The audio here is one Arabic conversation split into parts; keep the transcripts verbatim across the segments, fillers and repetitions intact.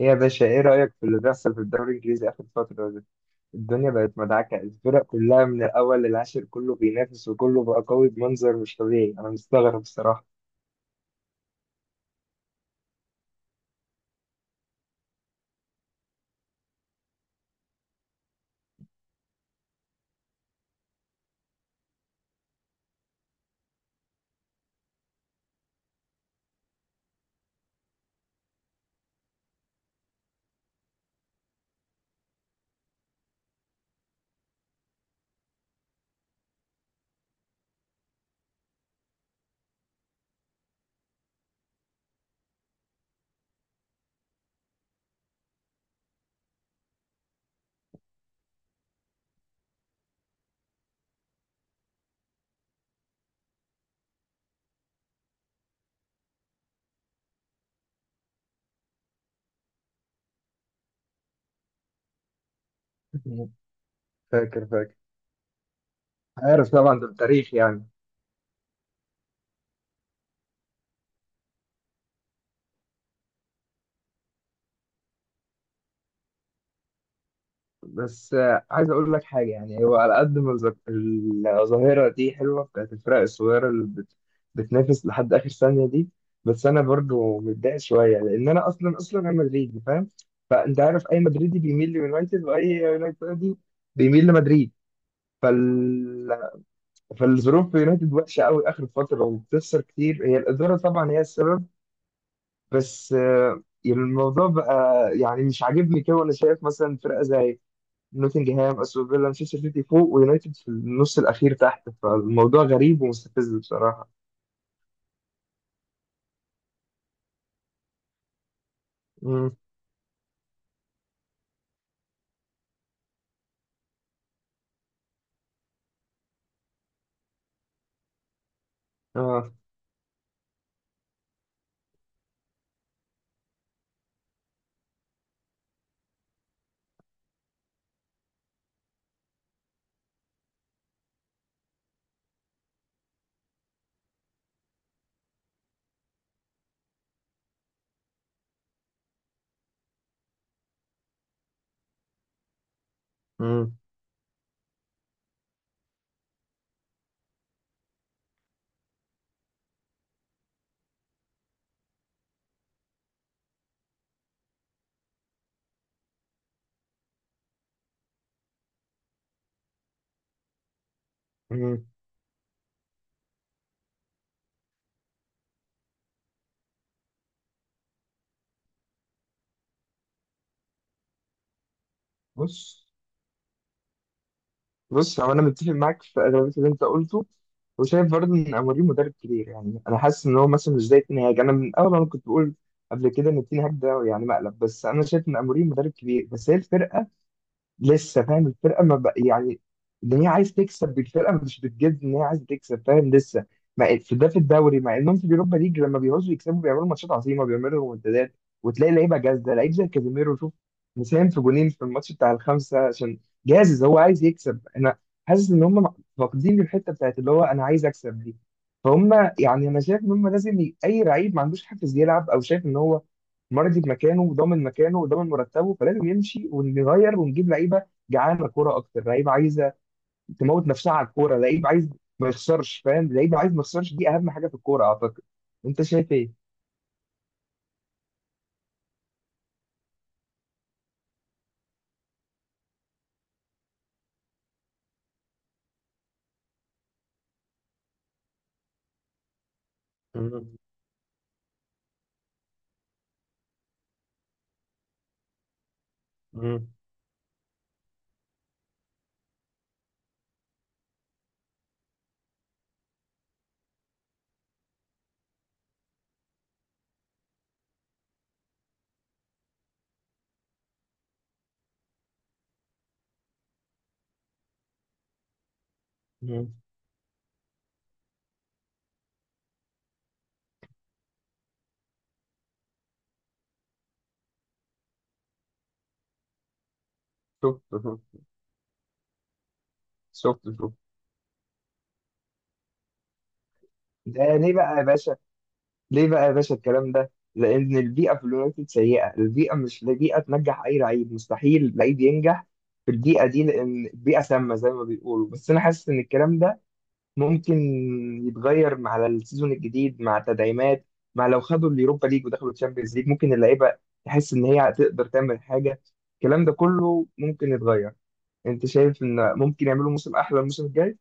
إيه يا باشا، ايه رأيك في اللي بيحصل في الدوري الانجليزي اخر فترة دي؟ الدنيا بقت مدعكة، الفرق كلها من الاول للعاشر كله بينافس وكله بقى قوي بمنظر مش طبيعي. انا مستغرب الصراحة. فاكر فاكر عارف طبعا، ده التاريخ يعني. بس آه، عايز اقول لك حاجه، يعني هو على قد ما الظ- الظاهره دي حلوه، بتاعت الفرق الصغيره اللي بت... بتنافس لحد اخر ثانيه دي، بس انا برضو متضايق شويه لان انا اصلا اصلا انا مدريدي، فاهم؟ فانت عارف اي مدريدي بيميل ليونايتد، واي يونايتدي بيميل لمدريد. فال... فالظروف في يونايتد وحشه قوي اخر فتره، وبتخسر كتير، هي الاداره طبعا هي السبب. بس آه، الموضوع بقى يعني مش عاجبني كده، وانا شايف مثلا فرقه زي نوتنجهام، استون فيلا، مانشستر سيتي فوق، ويونايتد في النص الاخير تحت. فالموضوع غريب ومستفز بصراحه. امم اه. امم امم بص، بص هو انا متفق معاك في اغلبيه اللي انت قلته، وشايف برضه ان اموري مدرب كبير. يعني انا حاسس ان هو مثلا مش زي تين هاج، انا من اول انا كنت بقول قبل كده ان تين هاج ده يعني مقلب. بس انا شايف ان اموري مدرب كبير، بس هي الفرقه لسه، فاهم؟ الفرقه ما بق... يعني ان هي عايز تكسب بالفرقه، مش بتجد ان هي عايز تكسب، فاهم؟ لسه ما في ده في الدوري، مع انهم في اليوروبا ليج لما بيعوزوا يكسبوا بيعملوا ماتشات عظيمه، بيعملوا رومنتادات، وتلاقي لعيبه جاهزه، لعيب زي كازيميرو شوف مساهم في جونين في الماتش بتاع الخمسه، عشان جاهز هو عايز يكسب. انا حاسس ان هم فاقدين الحته بتاعت اللي هو انا عايز اكسب دي، فهم. يعني انا شايف ان هم لازم ي... اي لعيب ما عندوش حافز يلعب، او شايف ان هو مرضي بمكانه وضامن مكانه وضامن مرتبه، فلازم يمشي ونغير ونجيب لعيبه جعانه كوره اكتر، لعيبه عايزه تموت نفسها على الكوره، لعيب عايز ما يخسرش، فاهم؟ لعيب عايز ما يخسرش دي اهم حاجه في الكوره اعتقد. انت شايف ايه؟ مم. مم. مم. شفت شفت. شفت شفت. ده ليه بقى يا باشا؟ ليه بقى يا باشا الكلام ده؟ لان البيئه في اليونايتد سيئه، البيئه مش بيئه تنجح، اي لعيب مستحيل لعيب ينجح في البيئه دي لان البيئه سامه زي ما بيقولوا. بس انا حاسس ان الكلام ده ممكن يتغير مع السيزون الجديد، مع تدعيمات، مع لو خدوا اليوروبا ليج ودخلوا الشامبيونز ليج، ممكن اللعيبه تحس ان هي هتقدر تعمل حاجه. الكلام ده كله ممكن يتغير. انت شايف ان ممكن يعملوا موسم احلى الموسم الجاي؟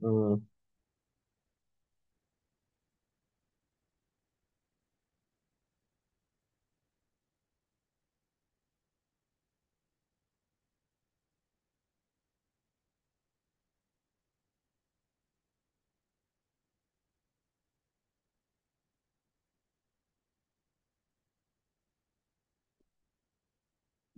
مم.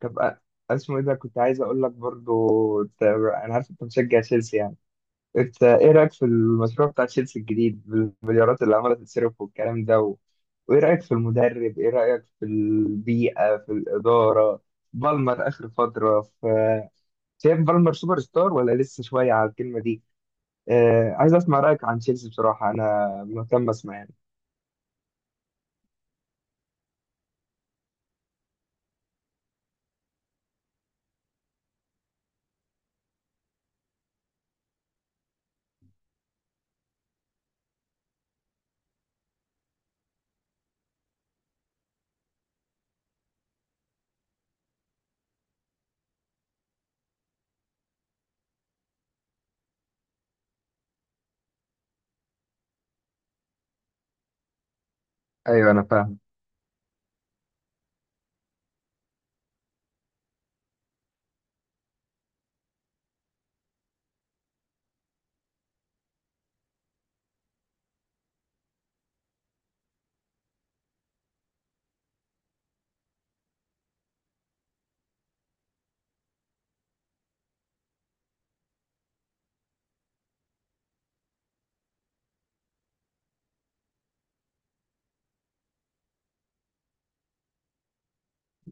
طب أ- اسمه ايه ده، كنت عايز اقول لك برضو، أنت- انا عارف انت مشجع تشيلسي يعني. انت ايه رايك في المشروع بتاع تشيلسي الجديد بالمليارات اللي عماله تتصرف والكلام ده و... وايه رايك في المدرب؟ ايه رايك في البيئه، في الاداره، بالمر اخر فتره؟ ف شايف بالمر سوبر ستار ولا لسه شويه على الكلمه دي؟ آه... عايز اسمع رايك عن تشيلسي بصراحه، انا مهتم اسمع يعني. ايوه انا فاهم.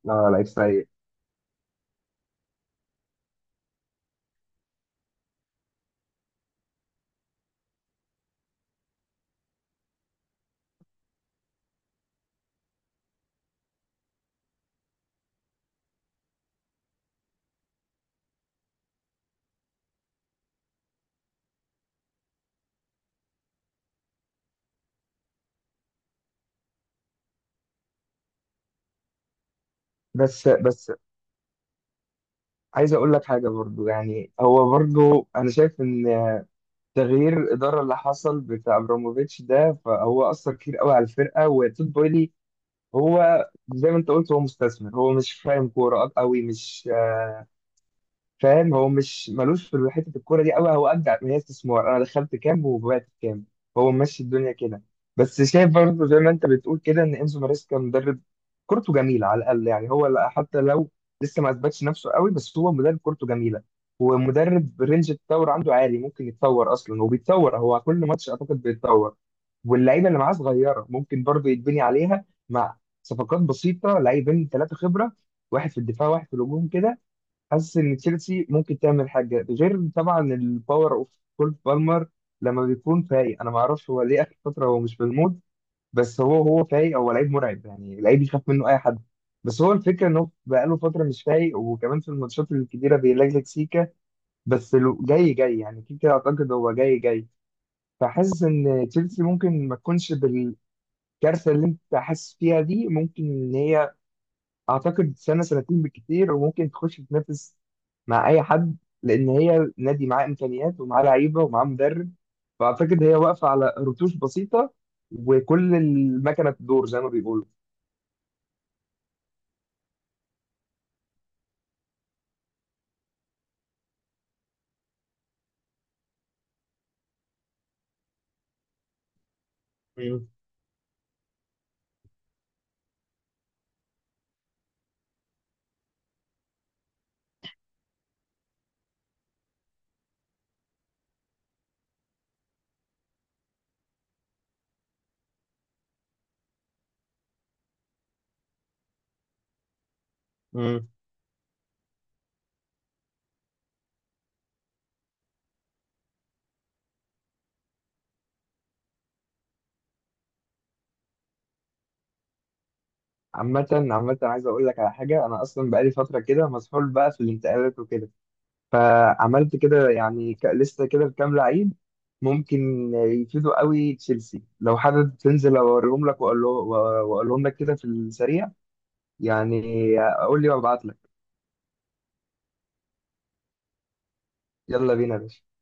لا لعيب سيء. بس بس عايز اقول لك حاجه برضو. يعني هو برضو انا شايف ان تغيير الإدارة اللي حصل بتاع أبراموفيتش ده، فهو أثر كتير قوي على الفرقة. وتود بويلي هو زي ما أنت قلت هو مستثمر، هو مش فاهم كورة قوي، مش فاهم، هو مش ملوش في حته الكوره دي قوي، هو ابدع ما هي استثمار، انا دخلت كام وبعت كام، هو ماشي الدنيا كده. بس شايف برضه زي ما انت بتقول كده ان انزو ماريسكا مدرب كورته جميله على الاقل، يعني هو لا- حتى لو لسه ما اثبتش نفسه قوي، بس هو مدرب كورته جميله، ومدرب رينج التطور عنده عالي، ممكن يتطور اصلا، وبيتطور هو كل ماتش اعتقد بيتطور. واللعيبه اللي معاه صغيره، ممكن برضه يتبني عليها مع صفقات بسيطه، لعيبين ثلاثه خبره، واحد في الدفاع واحد في الهجوم كده. حاسس ان تشيلسي ممكن تعمل حاجه، غير طبعا الباور اوف كول بالمر لما بيكون فايق. انا ما اعرفش هو ليه اخر فتره هو مش في المود، بس هو هو فايق هو لعيب مرعب، يعني لعيب يخاف منه اي حد، بس هو الفكره انه بقاله فتره مش فايق، وكمان في الماتشات الكبيره بيلجلج سيكا، بس لو- جاي جاي يعني كيكا اعتقد هو جاي جاي. فحاسس ان تشيلسي ممكن ما تكونش بالكارثه اللي انت حاسس فيها دي، ممكن ان هي اعتقد سنه سنتين بالكتير وممكن تخش تنافس مع اي حد، لان هي نادي معاه امكانيات ومعاه لعيبه ومعاه مدرب. فاعتقد هي واقفه على رتوش بسيطه، وكل المكنه تدور زي ما بيقولوا. مم. مم. عامة عامة عايز أقول لك على حاجة، أنا أصلا بقالي فترة كده مسحول بقى في الانتقالات وكده، فعملت كده يعني ك- لسه كده بكام لعيب ممكن يفيدوا قوي تشيلسي. لو حابب تنزل أوريهم لك، وأقول له- وأقولهم لك كده في السريع يعني، قول لي وابعت لك. يلا بينا يا باشا.